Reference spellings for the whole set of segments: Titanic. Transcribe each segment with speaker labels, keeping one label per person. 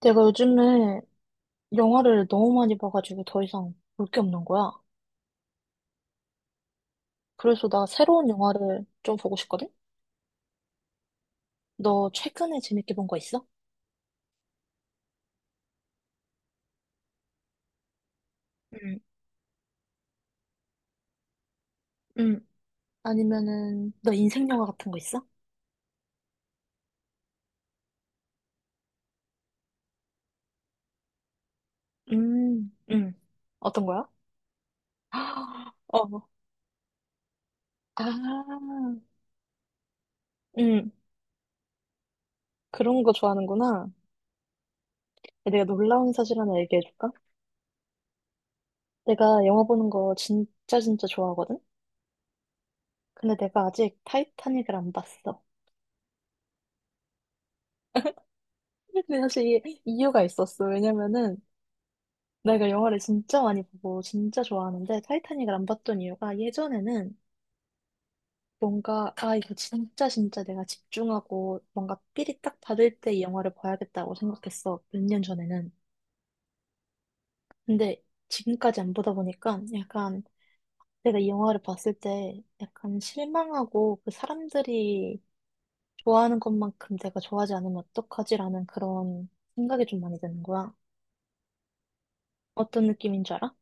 Speaker 1: 내가 요즘에 영화를 너무 많이 봐가지고 더 이상 볼 게 없는 거야. 그래서 나 새로운 영화를 좀 보고 싶거든? 너 최근에 재밌게 본 거 있어? 응, 응. 아니면은, 너 인생 영화 같은 거 있어? 응. 어떤 거야? 어, 아, 응. 그런 거 좋아하는구나. 내가 놀라운 사실 하나 얘기해줄까? 내가 영화 보는 거 진짜 진짜 좋아하거든? 근데 내가 아직 타이타닉을 안 봤어. 근데 사실 이게 이유가 있었어. 왜냐면은, 내가 영화를 진짜 많이 보고 진짜 좋아하는데 타이타닉을 안 봤던 이유가 예전에는 뭔가 아 이거 진짜 진짜 내가 집중하고 뭔가 필이 딱 받을 때 이 영화를 봐야겠다고 생각했어 몇 년 전에는. 근데 지금까지 안 보다 보니까 약간 내가 이 영화를 봤을 때 약간 실망하고 그 사람들이 좋아하는 것만큼 내가 좋아하지 않으면 어떡하지라는 그런 생각이 좀 많이 드는 거야. 어떤 느낌인 줄 알아?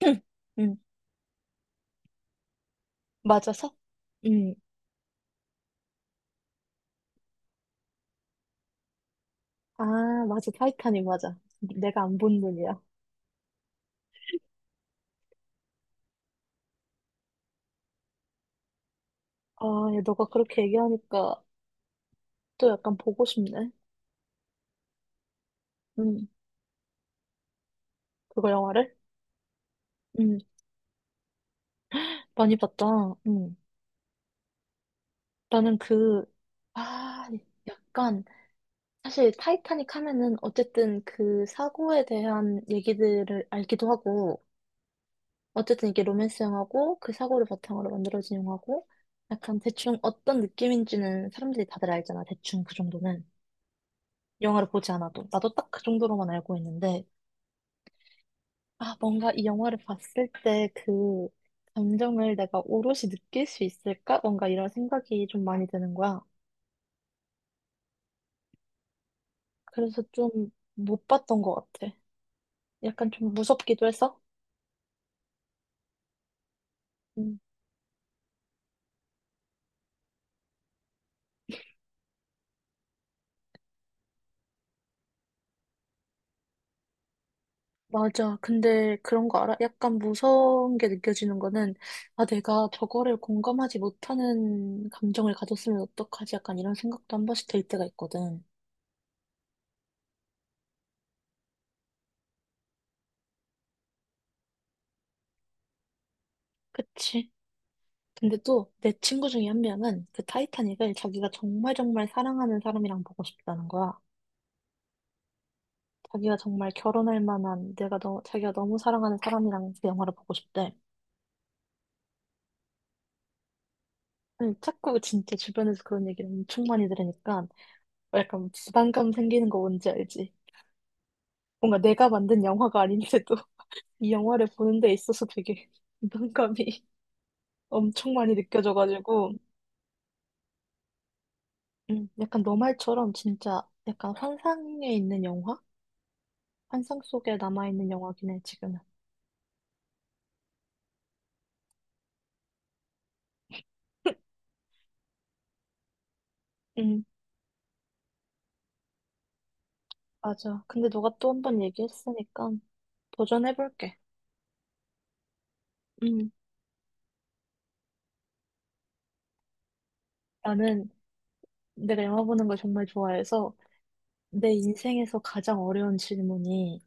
Speaker 1: 응. 맞아서? 응. 아, 맞아. 타이타닉 맞아. 내가 안 본 눈이야. 아, 야, 너가 그렇게 얘기하니까 또 약간 보고 싶네. 응, 그거 영화를? 응, 많이 봤다. 응. 나는 그, 아, 약간, 사실 타이타닉 하면은 어쨌든 그 사고에 대한 얘기들을 알기도 하고, 어쨌든 이게 로맨스 영화고, 그 사고를 바탕으로 만들어진 영화고, 약간 대충 어떤 느낌인지는 사람들이 다들 알잖아. 대충 그 정도는. 영화를 보지 않아도. 나도 딱 그 정도로만 알고 있는데, 아, 뭔가 이 영화를 봤을 때 그 감정을 내가 오롯이 느낄 수 있을까? 뭔가 이런 생각이 좀 많이 드는 거야. 그래서 좀 못 봤던 것 같아. 약간 좀 무섭기도 해서. 음, 맞아. 근데 그런 거 알아? 약간 무서운 게 느껴지는 거는, 아, 내가 저거를 공감하지 못하는 감정을 가졌으면 어떡하지? 약간 이런 생각도 한 번씩 들 때가 있거든. 그치. 근데 또 내 친구 중에 한 명은 그 타이타닉을 자기가 정말 정말 사랑하는 사람이랑 보고 싶다는 거야. 자기가 정말 결혼할 만한 내가 너, 자기가 너무 사랑하는 사람이랑 그 영화를 보고 싶대. 아니, 자꾸 진짜 주변에서 그런 얘기를 엄청 많이 들으니까 약간 부담감 생기는 거 뭔지 알지? 뭔가 내가 만든 영화가 아닌데도 이 영화를 보는 데 있어서 되게 부담감이 엄청 많이 느껴져가지고. 약간 너 말처럼 진짜 약간 환상에 있는 영화? 환상 속에 남아있는 영화긴 해, 지금은. 응, 맞아. 근데 너가 또 한 번 얘기했으니까 도전해볼게. 응. 나는 내가 영화 보는 걸 정말 좋아해서 내 인생에서 가장 어려운 질문이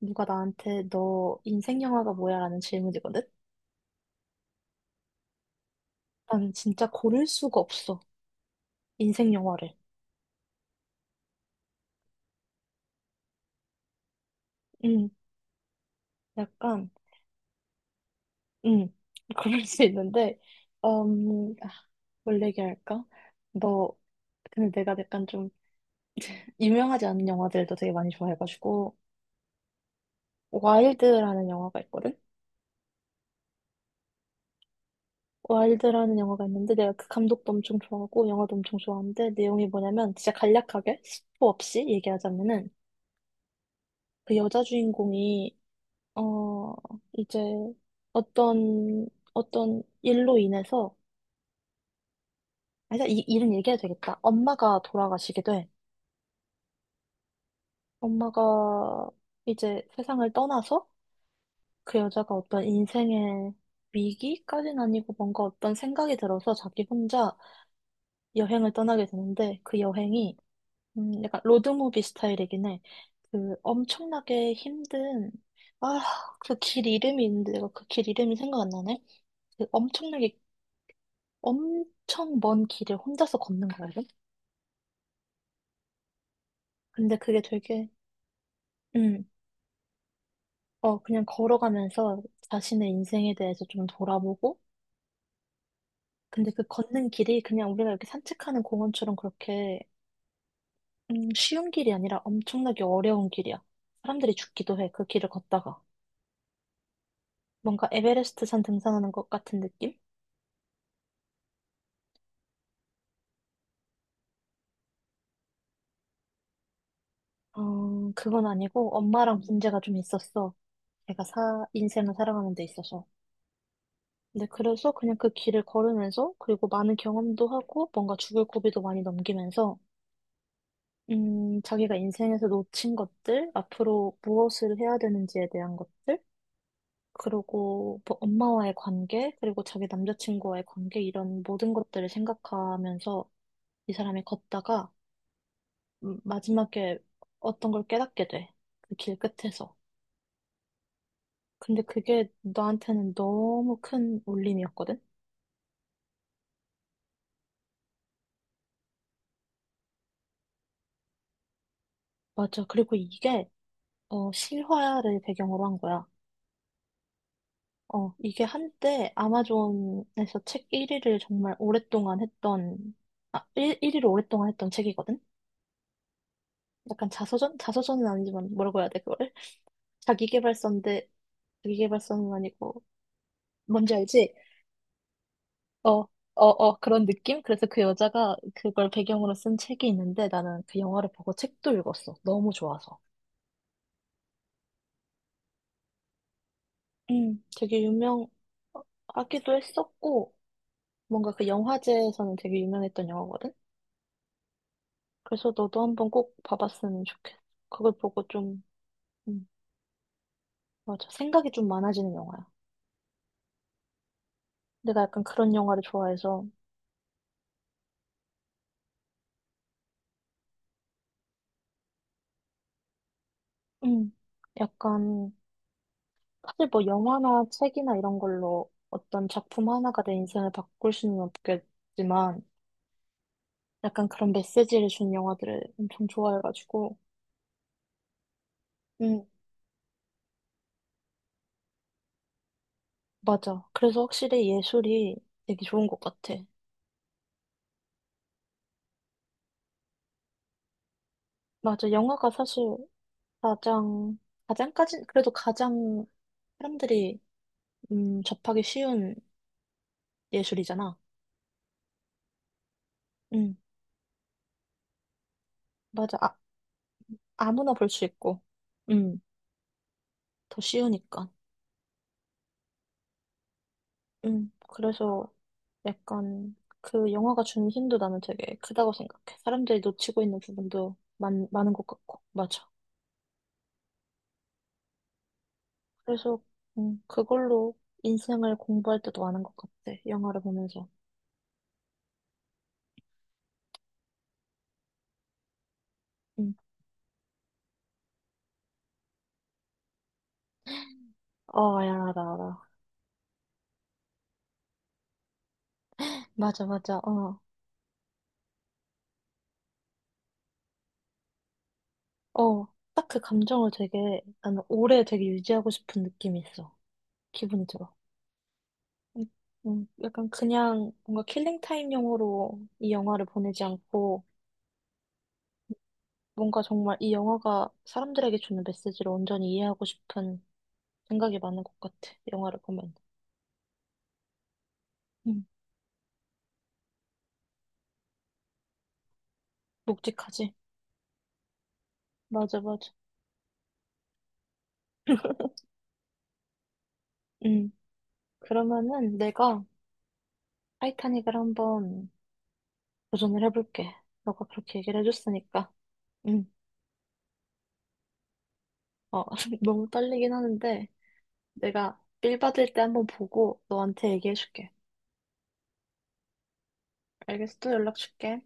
Speaker 1: 누가 나한테 너 인생 영화가 뭐야? 라는 질문이거든? 나는 진짜 고를 수가 없어. 인생 영화를. 음, 약간, 음, 그럴 수 있는데, 아, 뭘 얘기할까? 너, 근데 내가 약간 좀 유명하지 않은 영화들도 되게 많이 좋아해가지고, 와일드라는 영화가 있거든? 와일드라는 영화가 있는데 내가 그 감독도 엄청 좋아하고 영화도 엄청 좋아하는데 내용이 뭐냐면 진짜 간략하게 스포 없이 얘기하자면은 그 여자 주인공이 어 이제 어떤 어떤 일로 인해서 아니 이 일은 얘기해도 되겠다. 엄마가 돌아가시게 돼. 엄마가 이제 세상을 떠나서 그 여자가 어떤 인생의 위기까지는 아니고 뭔가 어떤 생각이 들어서 자기 혼자 여행을 떠나게 되는데 그 여행이 약간 로드무비 스타일이긴 해. 그 엄청나게 힘든, 아, 그 길 이름이 있는데 내가 그 길 이름이 생각 안 나네? 그 엄청나게, 엄청 먼 길을 혼자서 걷는 거거든? 근데 그게 되게, 음, 어, 그냥 걸어가면서 자신의 인생에 대해서 좀 돌아보고, 근데 그 걷는 길이 그냥 우리가 이렇게 산책하는 공원처럼 그렇게, 쉬운 길이 아니라 엄청나게 어려운 길이야. 사람들이 죽기도 해, 그 길을 걷다가. 뭔가 에베레스트 산 등산하는 것 같은 느낌? 어, 그건 아니고 엄마랑 문제가 좀 있었어. 제가 인생을 살아가는 데 있어서. 근데 그래서 그냥 그 길을 걸으면서 그리고 많은 경험도 하고 뭔가 죽을 고비도 많이 넘기면서 자기가 인생에서 놓친 것들, 앞으로 무엇을 해야 되는지에 대한 것들, 그리고 뭐 엄마와의 관계, 그리고 자기 남자친구와의 관계 이런 모든 것들을 생각하면서 이 사람이 걷다가 마지막에 어떤 걸 깨닫게 돼. 그 길 끝에서. 근데 그게 나한테는 너무 큰 울림이었거든? 맞아. 그리고 이게, 어, 실화를 배경으로 한 거야. 어, 이게 한때 아마존에서 책 1위를 정말 오랫동안 했던, 1위를 오랫동안 했던 책이거든? 약간 자서전? 자서전은 아니지만 뭐라고 해야 돼, 그거를? 자기계발서인데, 자기계발서는 아니고, 뭔지 알지? 어, 어, 어, 그런 느낌? 그래서 그 여자가 그걸 배경으로 쓴 책이 있는데 나는 그 영화를 보고 책도 읽었어. 너무 좋아서. 되게 유명하기도 했었고, 뭔가 그 영화제에서는 되게 유명했던 영화거든? 그래서 너도 한번 꼭 봐봤으면 좋겠어. 그걸 보고 좀, 음, 맞아. 생각이 좀 많아지는 영화야. 내가 약간 그런 영화를 좋아해서, 음, 약간, 사실 뭐 영화나 책이나 이런 걸로 어떤 작품 하나가 내 인생을 바꿀 수는 없겠지만, 약간 그런 메시지를 준 영화들을 엄청 좋아해가지고, 음, 맞아. 그래서 확실히 예술이 되게 좋은 것 같아. 맞아. 영화가 사실 가장, 가장까지, 그래도 가장 사람들이, 접하기 쉬운 예술이잖아. 응, 맞아. 아, 아무나 볼 수 있고, 응, 더 쉬우니까. 응, 그래서 약간 그 영화가 준 힘도 나는 되게 크다고 생각해. 사람들이 놓치고 있는 부분도 많은 것 같고, 맞아. 그래서, 그걸로 인생을 공부할 때도 많은 것 같아. 영화를 보면서. 응, 어, 알아, 알아, 알아. 맞아, 맞아, 어. 어, 딱 그 감정을 되게, 나는 오래 되게 유지하고 싶은 느낌이 있어. 기분이 들어. 음, 약간 그냥 뭔가 킬링타임용으로 이 영화를 보내지 않고, 뭔가 정말 이 영화가 사람들에게 주는 메시지를 온전히 이해하고 싶은 생각이 많은 것 같아. 영화를 보면. 음, 묵직하지? 맞아, 맞아. 음, 그러면은 내가 타이타닉을 한번 도전을 해볼게. 너가 그렇게 얘기를 해줬으니까. 음, 어, 너무 떨리긴 하는데. 내가 빌 받을 때 한번 보고 너한테 얘기해줄게. 알겠어? 또 연락 줄게.